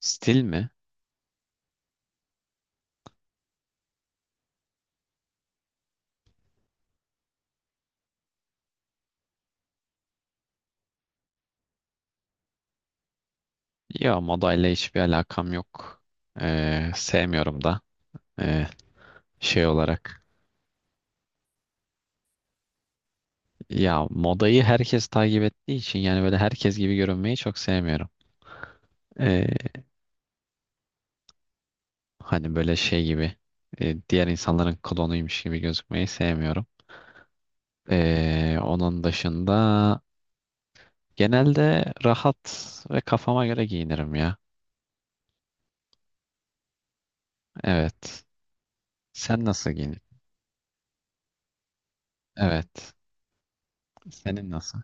Stil mi? Ya modayla hiçbir alakam yok. Sevmiyorum da. Ee, şey olarak. Ya modayı herkes takip ettiği için yani böyle herkes gibi görünmeyi çok sevmiyorum. Ee, hani böyle şey gibi diğer insanların klonuymuş gibi gözükmeyi sevmiyorum. Onun dışında genelde rahat ve kafama göre giyinirim ya. Evet. Sen nasıl giyinirsin? Evet. Senin nasıl?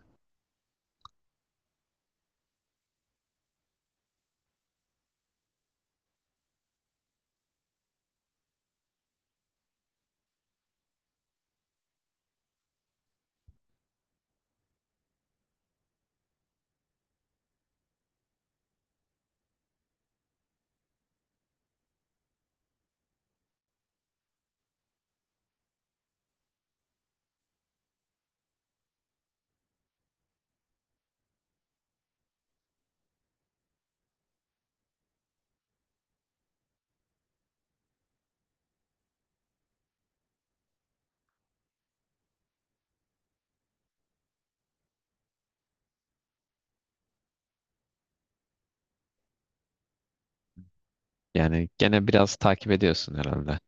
Yani gene biraz takip ediyorsun herhalde.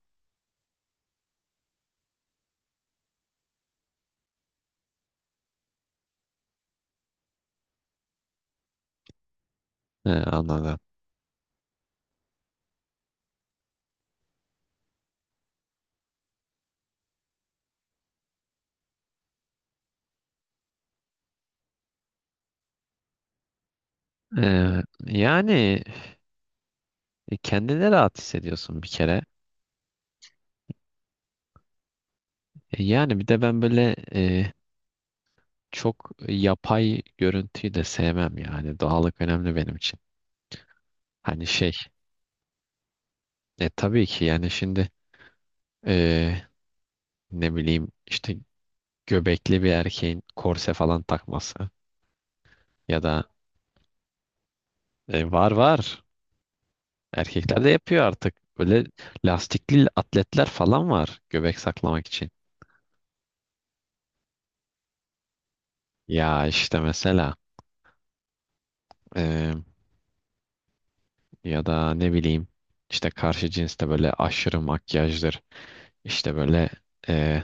He, anladım. Yani kendine rahat hissediyorsun bir kere. E, yani bir de ben böyle çok yapay görüntüyü de sevmem yani. Doğallık önemli benim için. Hani şey, tabii ki yani şimdi e, ne bileyim işte göbekli bir erkeğin korse falan takması ya da var erkekler de yapıyor artık. Böyle lastikli atletler falan var göbek saklamak için. Ya işte mesela. e, Ya da ne bileyim işte karşı cinste böyle aşırı makyajdır. İşte böyle e,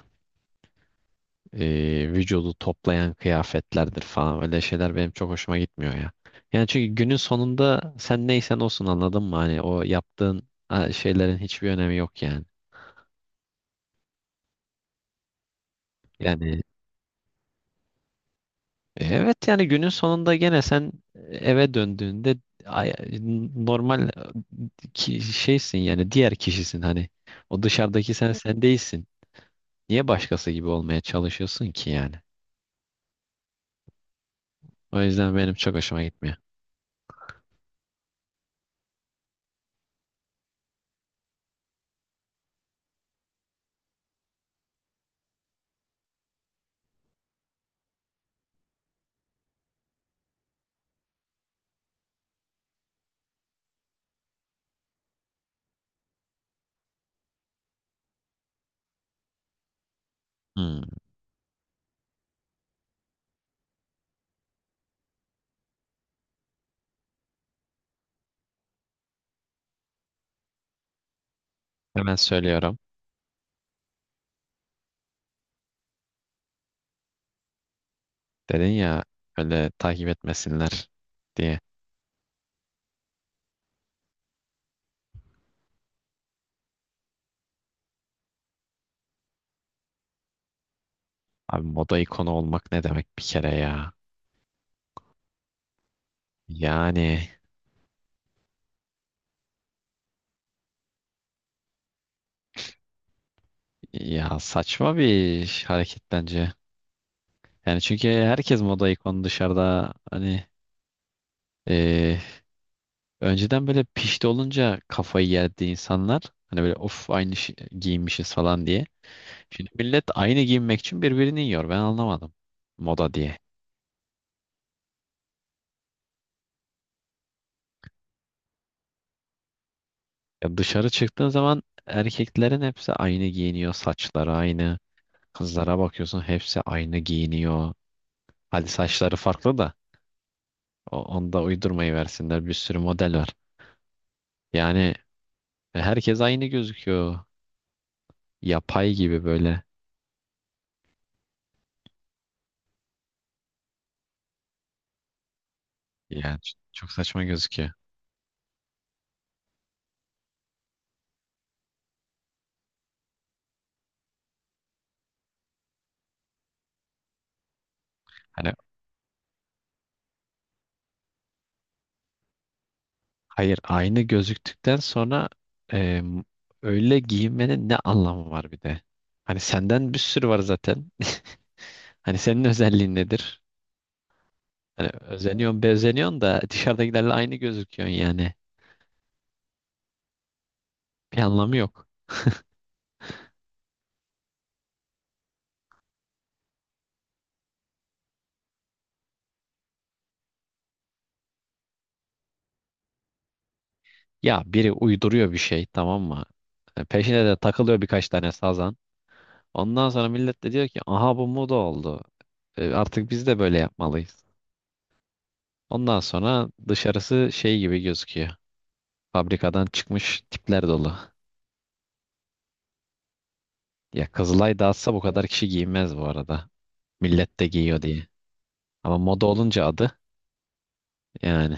vücudu toplayan kıyafetlerdir falan. Öyle şeyler benim çok hoşuma gitmiyor ya. Yani çünkü günün sonunda sen neysen olsun anladın mı? Hani o yaptığın ha, şeylerin hiçbir önemi yok yani. Yani evet yani günün sonunda gene sen eve döndüğünde ay- normal ki şeysin yani diğer kişisin hani. O dışarıdaki sen değilsin. Niye başkası gibi olmaya çalışıyorsun ki yani? O yüzden benim çok hoşuma gitmiyor. Hmm. Hemen söylüyorum. Dedin ya öyle takip etmesinler diye. Abi moda ikonu olmak ne demek bir kere ya? Yani ya saçma bir hareket bence. Yani çünkü herkes moda ikonu dışarıda hani. Ee, önceden böyle pişti olunca kafayı yerdi insanlar. Hani böyle of aynı şey, giyinmişiz falan diye. Şimdi millet aynı giyinmek için birbirini yiyor. Ben anlamadım. Moda diye. Ya dışarı çıktığın zaman erkeklerin hepsi aynı giyiniyor. Saçları aynı. Kızlara bakıyorsun hepsi aynı giyiniyor. Hadi saçları farklı da onu da uydurmayı versinler. Bir sürü model var. Yani herkes aynı gözüküyor. Yapay gibi böyle. Yani çok saçma gözüküyor. Hani hayır, aynı gözüktükten sonra em, öyle giyinmenin ne anlamı var bir de? Hani senden bir sürü var zaten. Hani senin özelliğin nedir? Hani özeniyorsun, bezeniyorsun da dışarıdakilerle aynı gözüküyorsun yani. Bir anlamı yok. Ya biri uyduruyor bir şey tamam mı? Peşine de takılıyor birkaç tane sazan. Ondan sonra millet de diyor ki aha bu moda oldu. Artık biz de böyle yapmalıyız. Ondan sonra dışarısı şey gibi gözüküyor. Fabrikadan çıkmış tipler dolu. Ya Kızılay dağıtsa bu kadar kişi giymez bu arada. Millet de giyiyor diye. Ama moda olunca adı yani.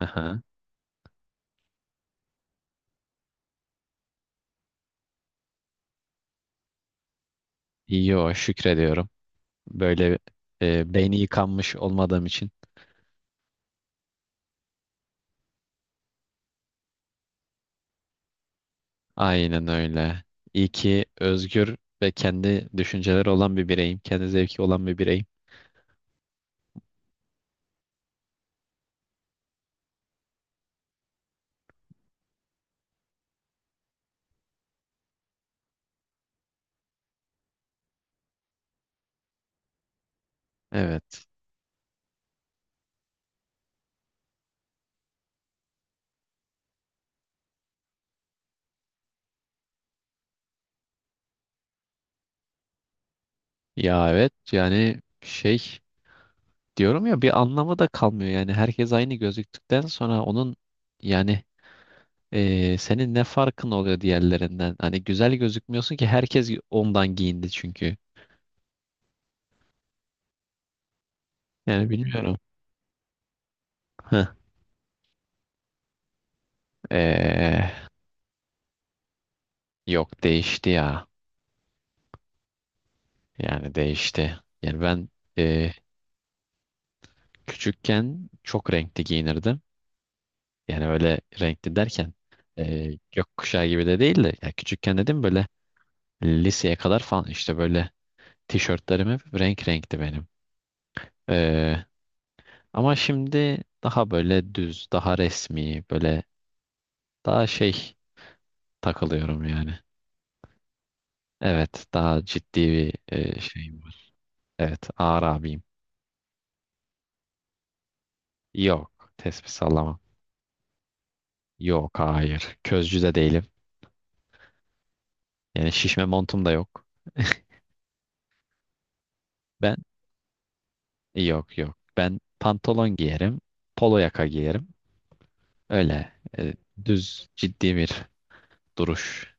Aha. Yo, şükrediyorum. Böyle beyni yıkanmış olmadığım için. Aynen öyle. İyi ki özgür ve kendi düşünceleri olan bir bireyim. Kendi zevki olan bir bireyim. Evet. Ya evet yani şey diyorum ya bir anlamı da kalmıyor. Yani herkes aynı gözüktükten sonra onun yani senin ne farkın oluyor diğerlerinden? Hani güzel gözükmüyorsun ki herkes ondan giyindi çünkü. Yani bilmiyorum. Heh. Ee, yok değişti ya. Yani değişti. Yani ben e, küçükken çok renkli giyinirdim. Yani öyle renkli derken gökkuşağı gibi de değil de ya küçükken dedim böyle liseye kadar falan işte böyle tişörtlerim hep renk renkti benim. Ee, ama şimdi daha böyle düz, daha resmi, böyle daha şey takılıyorum yani. Evet, daha ciddi bir şeyim var. Evet, ağır abiyim. Yok, tespih sallamam. Yok, hayır. Közcü de değilim. Yani şişme montum da yok. Ben yok yok. Ben pantolon giyerim, polo yaka giyerim. Öyle e, düz ciddi bir duruş.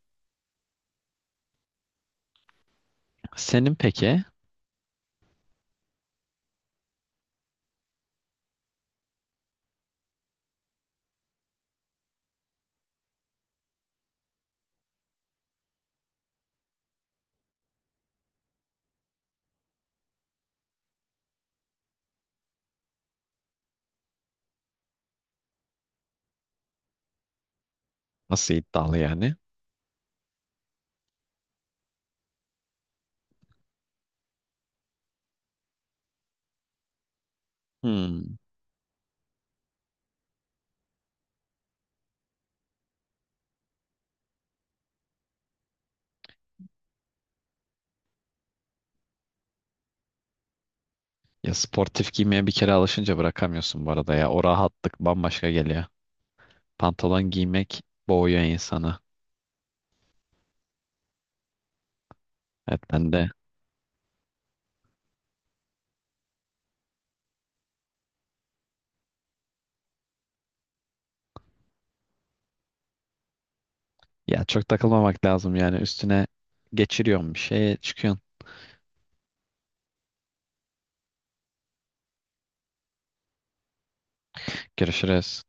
Senin peki nasıl iddialı yani? Hmm. Ya sportif giymeye bir kere alışınca bırakamıyorsun bu arada ya. O rahatlık bambaşka geliyor. Pantolon giymek boğuyor insanı. Evet ben de. Ya çok takılmamak lazım yani üstüne geçiriyorsun bir şeye çıkıyorsun. Görüşürüz.